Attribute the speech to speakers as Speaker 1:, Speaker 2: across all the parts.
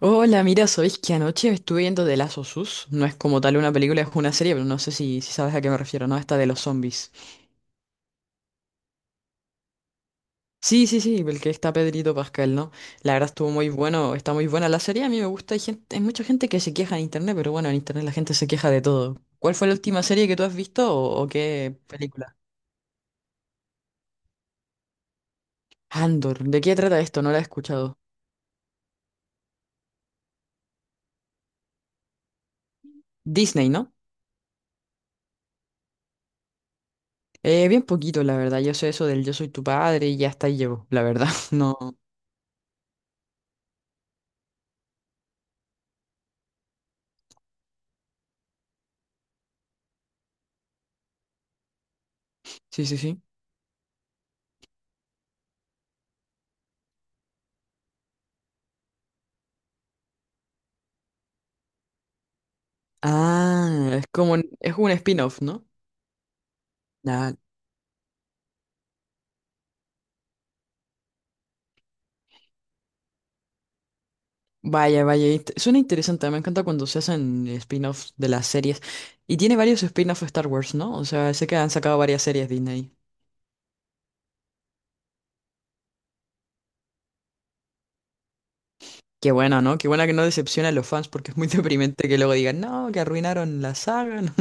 Speaker 1: Hola, mira, ¿sabéis que anoche estuve viendo The Last of Us? No es como tal una película, es una serie, pero no sé si sabes a qué me refiero, ¿no? Esta de los zombies. Sí, sí, sí, el que está Pedrito Pascal, ¿no? La verdad estuvo muy bueno, está muy buena la serie, a mí me gusta, hay mucha gente que se queja en internet, pero bueno, en internet la gente se queja de todo. ¿Cuál fue la última serie que tú has visto o qué película? Andor, ¿de qué trata esto? No la he escuchado. Disney, ¿no? Bien poquito, la verdad, yo sé eso del yo soy tu padre y ya hasta ahí llego, la verdad, no. Sí, sí, sí. Ah, es como, es un spin-off, ¿no? Ah, vaya, vaya, suena interesante, me encanta cuando se hacen spin-offs de las series. Y tiene varios spin-offs de Star Wars, ¿no? O sea, sé que han sacado varias series Disney. Qué bueno, ¿no? Qué buena que no decepciona a los fans porque es muy deprimente que luego digan, no, que arruinaron la saga.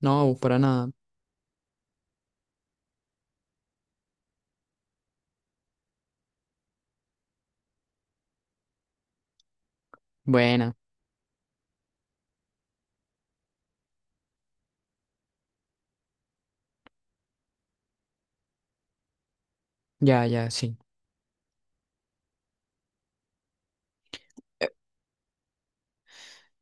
Speaker 1: No, para nada. Buena, ya, ya, sí.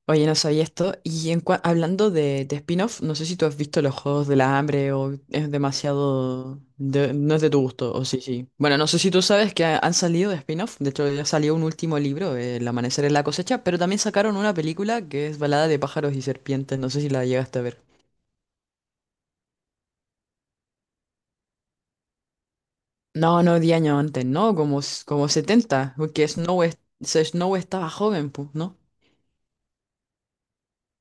Speaker 1: Oye, no sabía esto. Y en hablando de spin-off, no sé si tú has visto los Juegos del Hambre o es demasiado, no es de tu gusto, o sí, sí. Bueno, no sé si tú sabes que han salido de spin-off. De hecho, ya salió un último libro, El amanecer en la cosecha, pero también sacaron una película que es Balada de pájaros y serpientes. No sé si la llegaste a ver. No, no, 10 años antes, no, como 70 porque Snow estaba joven, pues, ¿no?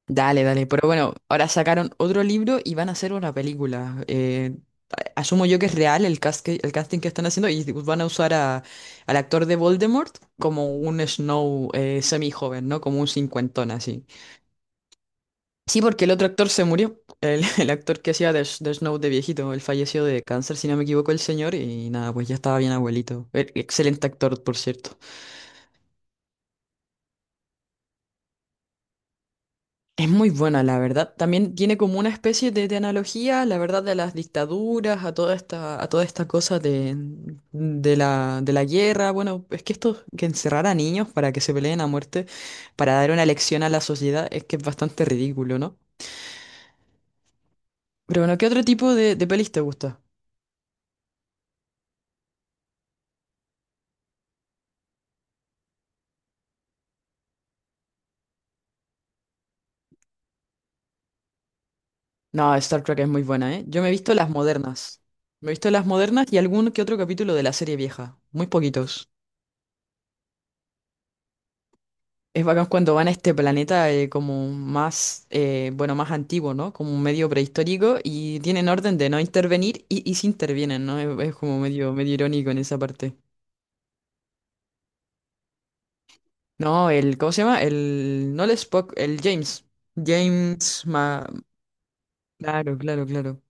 Speaker 1: Dale, dale. Pero bueno, ahora sacaron otro libro y van a hacer una película. Asumo yo que es real el, casting que están haciendo y van a usar al actor de Voldemort como un Snow semi-joven, ¿no? Como un cincuentón así. Sí, porque el otro actor se murió. El, el actor que hacía de Snow de viejito. Él falleció de cáncer, si no me equivoco, el señor. Y nada, pues ya estaba bien abuelito. Excelente actor, por cierto. Es muy buena, la verdad. También tiene como una especie de analogía, la verdad, de las dictaduras, a toda esta cosa de la guerra. Bueno, es que esto, que encerrar a niños para que se peleen a muerte, para dar una lección a la sociedad, es que es bastante ridículo, ¿no? Pero bueno, ¿qué otro tipo de pelis te gusta? No, Star Trek es muy buena, ¿eh? Yo me he visto las modernas. Me he visto las modernas y algún que otro capítulo de la serie vieja. Muy poquitos. Es bacán cuando van a este planeta como más, bueno, más antiguo, ¿no? Como un medio prehistórico y tienen orden de no intervenir y sí intervienen, ¿no? Es como medio irónico en esa parte. No, el, ¿cómo se llama? El, no el Spock, el James. James Ma... Claro, claro, claro.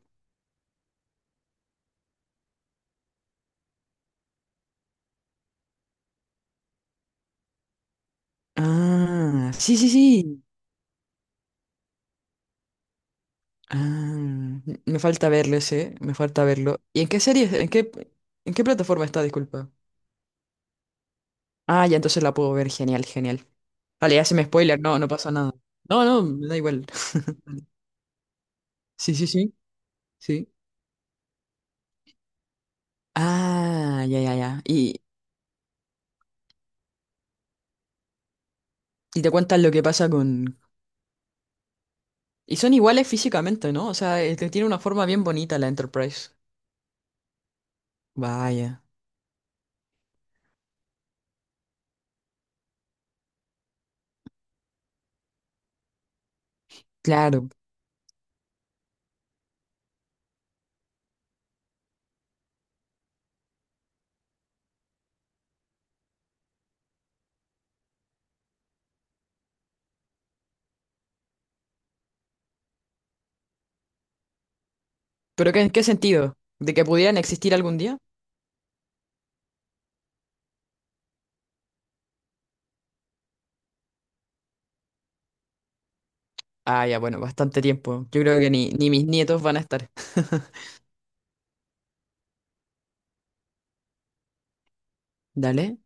Speaker 1: Ah, sí, sí, sí. Ah, me falta verlo ese, me falta verlo. ¿Y en qué serie, en qué plataforma está, disculpa? Ah, ya entonces la puedo ver. Genial, genial. Vale, ya se me spoiler. No, no pasa nada. No, no, me da igual. Sí, sí, sí. Sí. Ah, ya, ya, ya. Y te cuentan lo que pasa con... Y son iguales físicamente, ¿no? O sea, tiene una forma bien bonita la Enterprise. Vaya. Claro. ¿Pero en qué sentido? ¿De que pudieran existir algún día? Ah, ya, bueno, bastante tiempo. Yo creo que ni mis nietos van a estar. Dale.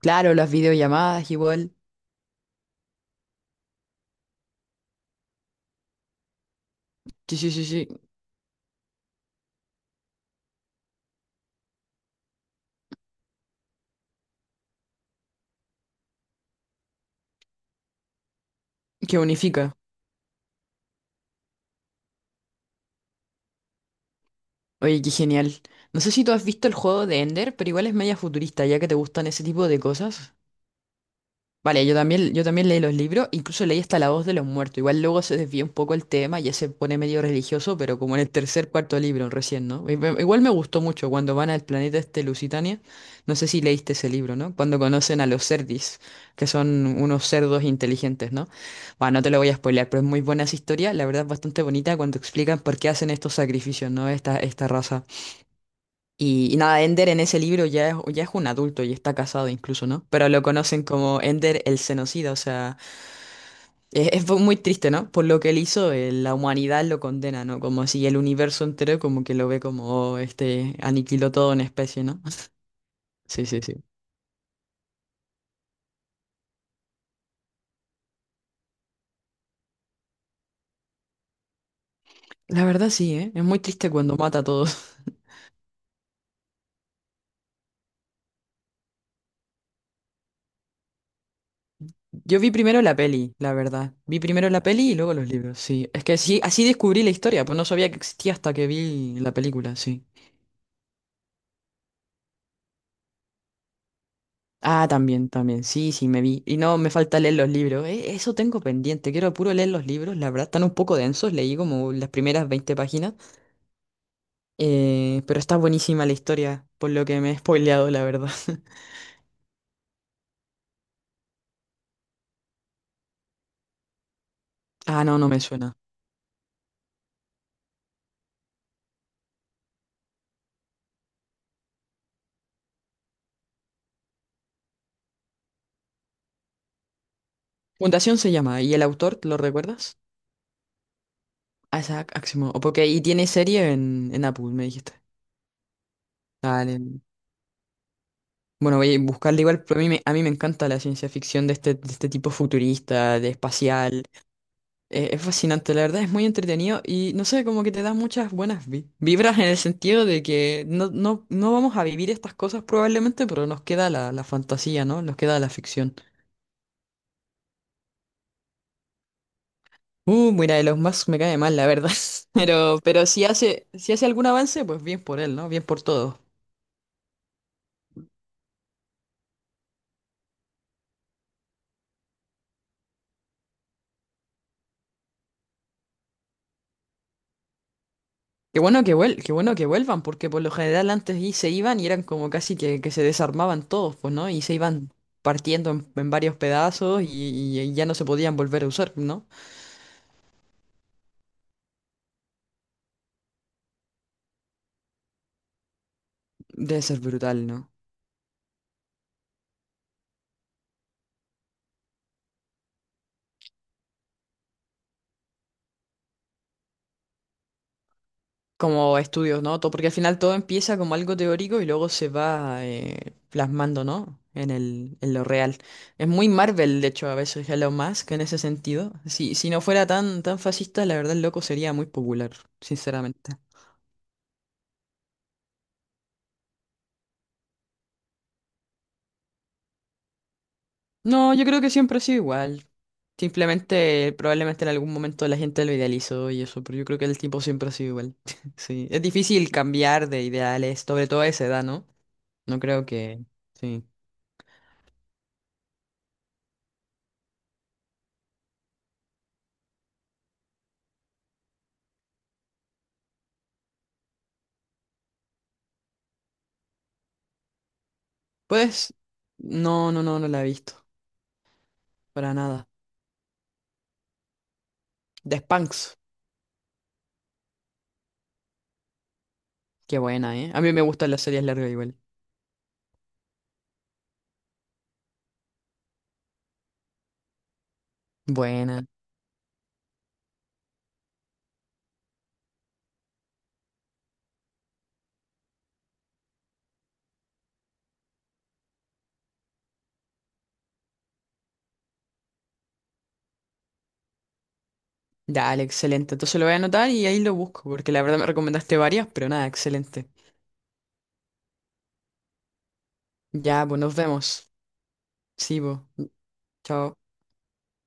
Speaker 1: Claro, las videollamadas igual. Sí, sí, sí, sí. Que unifica. Oye, qué genial. No sé si tú has visto el juego de Ender, pero igual es media futurista, ya que te gustan ese tipo de cosas. Vale, yo también leí los libros, incluso leí hasta La voz de los muertos. Igual luego se desvía un poco el tema, ya se pone medio religioso, pero como en el tercer, cuarto libro recién, ¿no? Igual me gustó mucho cuando van al planeta este Lusitania. No sé si leíste ese libro, ¿no? Cuando conocen a los Cerdis, que son unos cerdos inteligentes, ¿no? Bueno, no te lo voy a spoilear, pero es muy buena esa historia, la verdad es bastante bonita cuando explican por qué hacen estos sacrificios, ¿no? Esta raza. Y nada, Ender en ese libro ya es un adulto y está casado incluso, ¿no? Pero lo conocen como Ender el genocida, o sea, es muy triste, ¿no? Por lo que él hizo, la humanidad lo condena, ¿no? Como si el universo entero como que lo ve como, "Oh, este, aniquiló todo una especie, ¿no? Sí, sí, sí. La verdad sí, ¿eh? Es muy triste cuando mata a todos. Yo vi primero la peli, la verdad. Vi primero la peli y luego los libros, sí. Es que sí, así descubrí la historia, pues no sabía que existía hasta que vi la película, sí. Ah, también, también. Sí, sí, me vi. Y no, me falta leer los libros. Eso tengo pendiente. Quiero puro leer los libros. La verdad, están un poco densos. Leí como las primeras 20 páginas. Pero está buenísima la historia, por lo que me he spoileado, la verdad. Ah, no, no me suena. Fundación se llama. ¿Y el autor, lo recuerdas? Ah, Isaac Asimov. O porque y tiene serie en, Apple, me dijiste. Dale. Bueno, voy a buscarla igual, pero a mí me encanta la ciencia ficción de este tipo futurista, de espacial. Es fascinante, la verdad es muy entretenido y no sé, como que te da muchas buenas vibras en el sentido de que no vamos a vivir estas cosas probablemente, pero nos queda la fantasía, ¿no? Nos queda la ficción. Mira, Elon Musk me cae mal, la verdad. Pero si hace algún avance, pues bien por él, ¿no? Bien por todos. Qué bueno que vuelvan, porque por lo general antes y se iban y eran como casi que se desarmaban todos, pues, ¿no? Y se iban partiendo en varios pedazos y ya no se podían volver a usar, ¿no? Debe ser brutal, ¿no? Como estudios, ¿no? Todo, porque al final todo empieza como algo teórico y luego se va plasmando, ¿no? En lo real. Es muy Marvel, de hecho, a veces Elon Musk en ese sentido. Si no fuera tan, tan fascista, la verdad el loco sería muy popular, sinceramente. No, yo creo que siempre ha sido igual. Simplemente, probablemente en algún momento la gente lo idealizó y eso, pero yo creo que el tiempo siempre ha sido igual. Sí, es difícil cambiar de ideales, sobre todo a esa edad, ¿no? No creo que... Sí. Pues, no, no, no, no la he visto. Para nada. The Spanx. Qué buena, ¿eh? A mí me gustan las series largas igual. Buena. Dale, excelente. Entonces lo voy a anotar y ahí lo busco, porque la verdad me recomendaste varias, pero nada, excelente. Ya, pues nos vemos. Sí, pues. Chao.